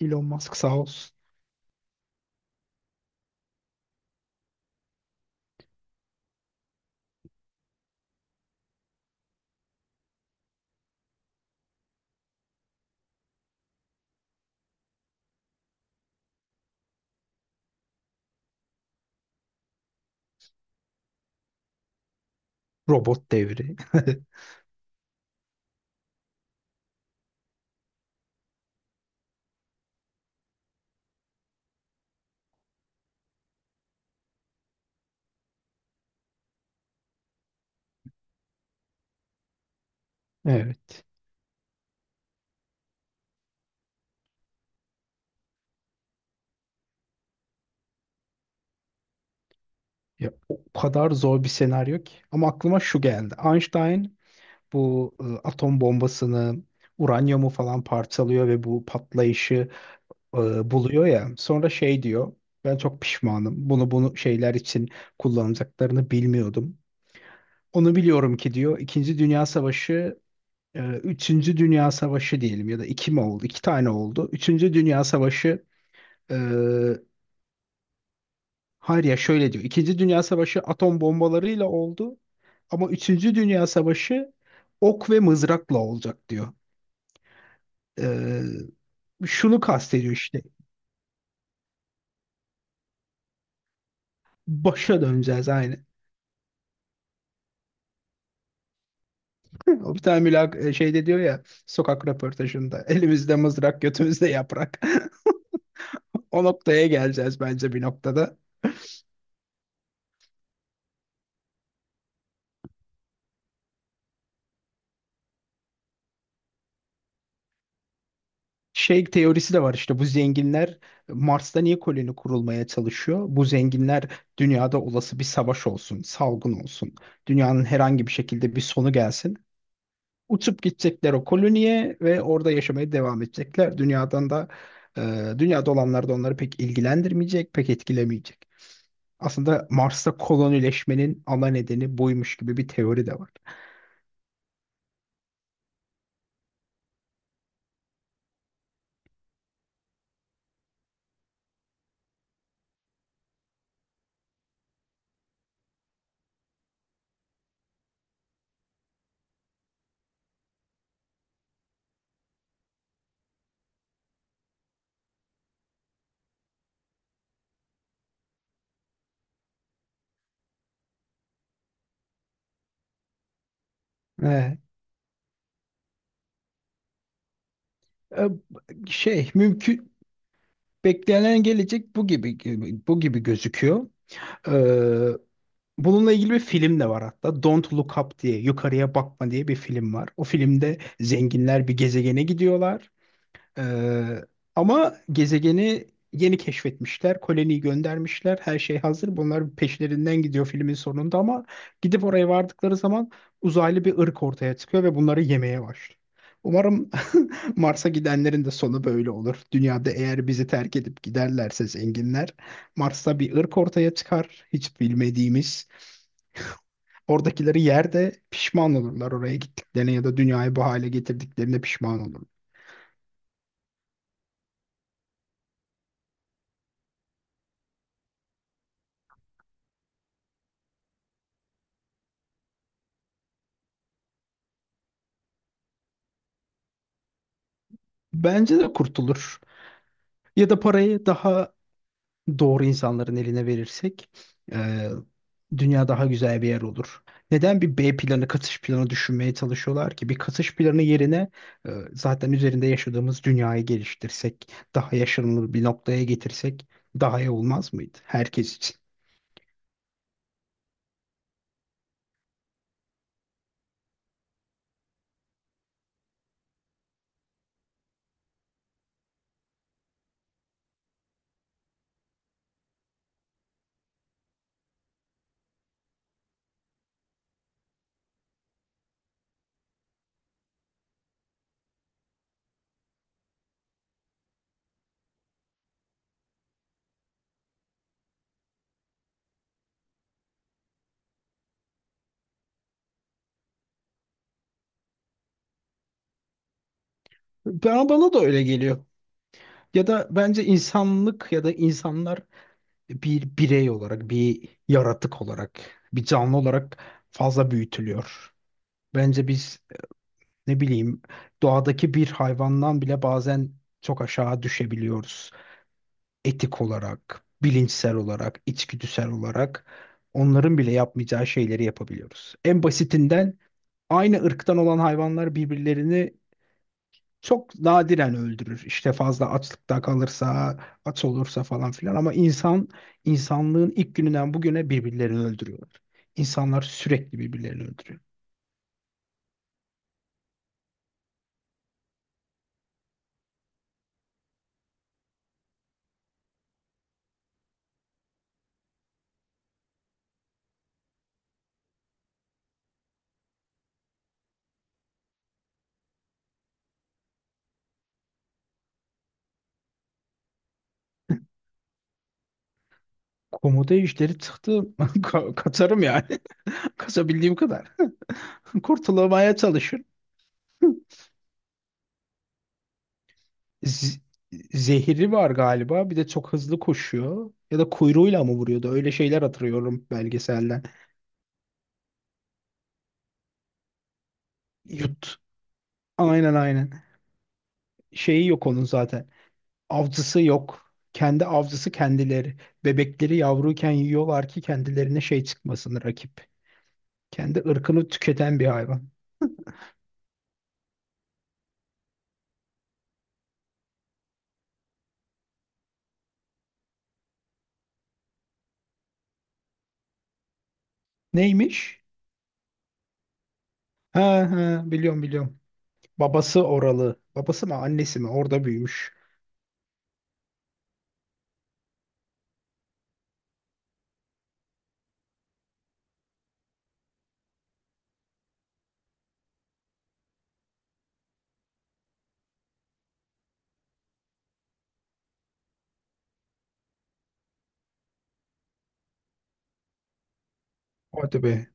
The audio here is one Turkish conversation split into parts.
Elon Musk sağ olsun. Robot devri. Evet. Ya, o kadar zor bir senaryo ki. Ama aklıma şu geldi. Einstein bu atom bombasını, uranyumu falan parçalıyor ve bu patlayışı buluyor ya. Sonra şey diyor. Ben çok pişmanım. Bunu şeyler için kullanacaklarını bilmiyordum. Onu biliyorum ki diyor. İkinci Dünya Savaşı, Üçüncü Dünya Savaşı diyelim ya da iki mi oldu? İki tane oldu. Üçüncü Dünya Savaşı. e, Hayır, ya şöyle diyor. İkinci Dünya Savaşı atom bombalarıyla oldu ama Üçüncü Dünya Savaşı ok ve mızrakla olacak diyor. Ee, şunu kastediyor işte. Başa döneceğiz aynı. O bir tane şeyde diyor ya, sokak röportajında: elimizde mızrak, götümüzde yaprak. O noktaya geleceğiz bence bir noktada. Şey teorisi de var işte: bu zenginler Mars'ta niye koloni kurulmaya çalışıyor? Bu zenginler dünyada olası bir savaş olsun, salgın olsun, dünyanın herhangi bir şekilde bir sonu gelsin. Uçup gidecekler o koloniye ve orada yaşamaya devam edecekler. Dünyadan da e, dünyada olanlar da onları pek ilgilendirmeyecek, pek etkilemeyecek. Aslında Mars'ta kolonileşmenin ana nedeni buymuş gibi bir teori de var. Evet. E, Şey mümkün, beklenen gelecek bu gibi, gözüküyor. E, bununla ilgili bir film de var hatta. Don't Look Up diye, yukarıya bakma diye bir film var. O filmde zenginler bir gezegene gidiyorlar. Ee, ama gezegeni yeni keşfetmişler. Koloniyi göndermişler. Her şey hazır. Bunlar peşlerinden gidiyor filmin sonunda ama gidip oraya vardıkları zaman uzaylı bir ırk ortaya çıkıyor ve bunları yemeye başlıyor. Umarım Mars'a gidenlerin de sonu böyle olur. Dünyada eğer bizi terk edip giderlerse zenginler, Mars'ta bir ırk ortaya çıkar, hiç bilmediğimiz. Oradakileri yerde pişman olurlar oraya gittiklerine, ya da dünyayı bu hale getirdiklerine pişman olurlar. Bence de kurtulur. Ya da parayı daha doğru insanların eline verirsek e, dünya daha güzel bir yer olur. Neden bir B planı, katış planı düşünmeye çalışıyorlar ki? Bir katış planı yerine zaten üzerinde yaşadığımız dünyayı geliştirsek, daha yaşanılır bir noktaya getirsek daha iyi olmaz mıydı herkes için? Bana da öyle geliyor. Ya da bence insanlık ya da insanlar bir birey olarak, bir yaratık olarak, bir canlı olarak fazla büyütülüyor. Bence biz, ne bileyim, doğadaki bir hayvandan bile bazen çok aşağı düşebiliyoruz. Etik olarak, bilinçsel olarak, içgüdüsel olarak onların bile yapmayacağı şeyleri yapabiliyoruz. En basitinden, aynı ırktan olan hayvanlar birbirlerini çok nadiren öldürür. İşte fazla açlıkta kalırsa, aç olursa falan filan, ama insan, insanlığın ilk gününden bugüne, birbirlerini öldürüyorlar. İnsanlar sürekli birbirlerini öldürüyor. Komodo ejderi çıktı. Kaçarım yani. Kazabildiğim kadar. Kurtulamaya çalışırım. Z- zehri var galiba. Bir de çok hızlı koşuyor. Ya da kuyruğuyla mı vuruyordu? Öyle şeyler hatırlıyorum belgeselden. Yut. Aynen, aynen. Şeyi yok onun zaten. Avcısı yok. Kendi avcısı kendileri. Bebekleri yavruyken yiyorlar ki kendilerine şey çıkmasın, rakip. Kendi ırkını tüketen bir hayvan. Neymiş? Ha, ha, biliyorum, biliyorum. Babası oralı. Babası mı, annesi mi? Orada büyümüş. Hadi be.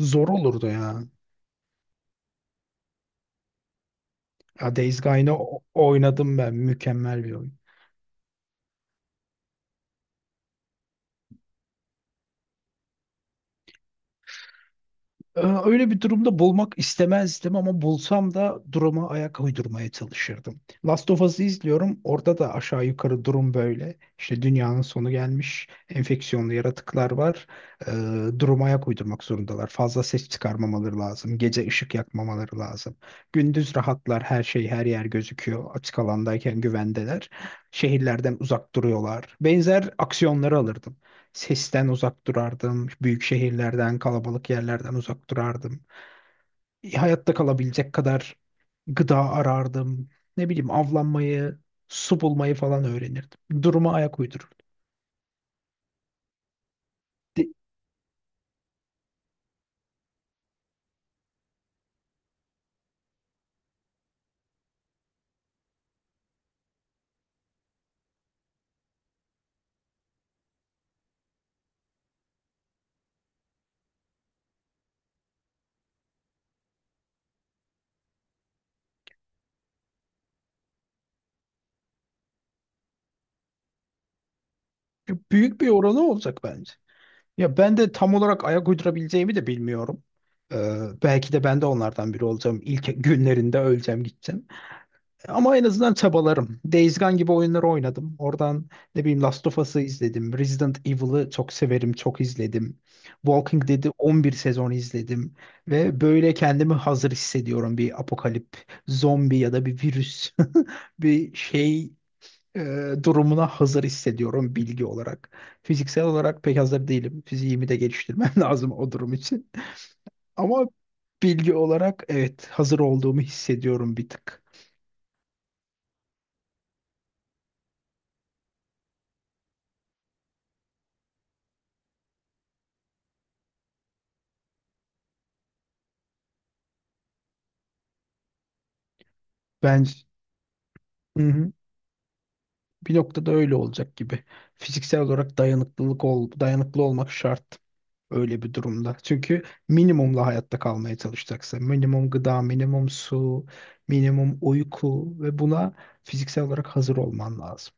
Zor olurdu ya. Ya, Days Gone'ı oynadım ben. Mükemmel bir oyun. Öyle bir durumda bulmak istemezdim ama bulsam da duruma ayak uydurmaya çalışırdım. Last of Us'ı izliyorum. Orada da aşağı yukarı durum böyle. İşte dünyanın sonu gelmiş, enfeksiyonlu yaratıklar var. Ee, duruma ayak uydurmak zorundalar. Fazla ses çıkarmamaları lazım. Gece ışık yakmamaları lazım. Gündüz rahatlar, her şey, her yer gözüküyor. Açık alandayken güvendeler. Şehirlerden uzak duruyorlar. Benzer aksiyonları alırdım. Sesten uzak durardım. Büyük şehirlerden, kalabalık yerlerden uzak durardım. Hayatta kalabilecek kadar gıda arardım. Ne bileyim, avlanmayı, su bulmayı falan öğrenirdim. Duruma ayak uydururdum. De- Büyük bir oranı olacak bence. Ya ben de tam olarak ayak uydurabileceğimi de bilmiyorum. Ee, belki de ben de onlardan biri olacağım. İlk günlerinde öleceğim, gideceğim. Ama en azından çabalarım. Days Gone gibi oyunları oynadım. Oradan, ne bileyim, Last of Us'ı izledim. Resident Evil'ı çok severim, çok izledim. Walking Dead'i 11 sezon izledim. Ve böyle kendimi hazır hissediyorum: bir apokalip, zombi ya da bir virüs, bir durumuna hazır hissediyorum bilgi olarak. Fiziksel olarak pek hazır değilim. Fiziğimi de geliştirmem lazım o durum için. Ama bilgi olarak evet, hazır olduğumu hissediyorum bir tık. Bence, hı hı, bir noktada öyle olacak gibi. Fiziksel olarak dayanıklı olmak şart öyle bir durumda. Çünkü minimumla hayatta kalmaya çalışacaksa, minimum gıda, minimum su, minimum uyku ve buna fiziksel olarak hazır olman lazım.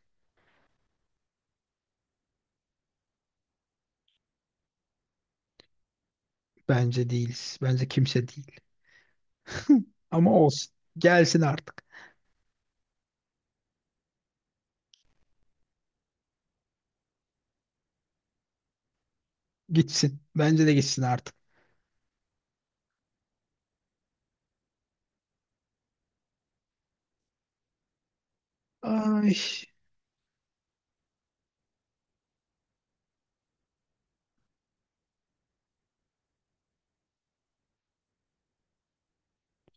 Bence değiliz. Bence kimse değil. Ama olsun. Gelsin artık. Gitsin. Bence de gitsin artık. Ay.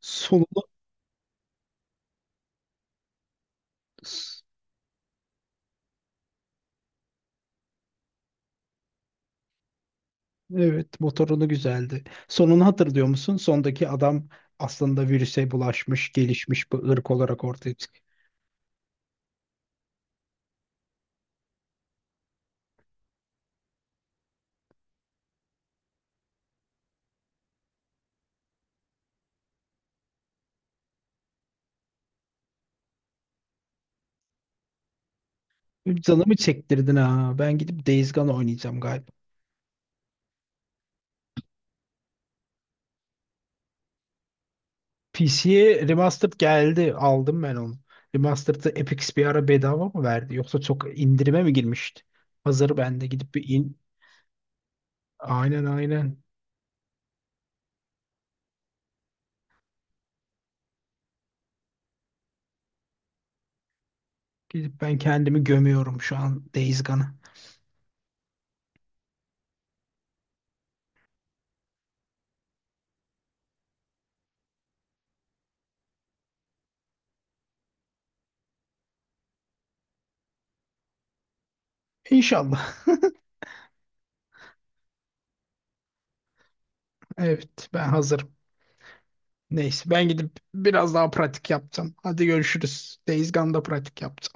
Sonu. Evet, motorunu güzeldi. Sonunu hatırlıyor musun? Sondaki adam aslında virüse bulaşmış, gelişmiş bir ırk olarak ortaya çıkıyor. Canımı çektirdin ha. Ben gidip Days Gone oynayacağım galiba. PC'ye Remastered geldi. Aldım ben onu. Remastered'ı Epic bir ara bedava mı verdi? Yoksa çok indirime mi girmişti? Hazır ben de gidip bir in... Aynen, aynen. Gidip ben kendimi gömüyorum şu an Days Gone'a. İnşallah. Evet, ben hazırım. Neyse, ben gidip biraz daha pratik yaptım. Hadi görüşürüz. Days Gone'da pratik yaptım.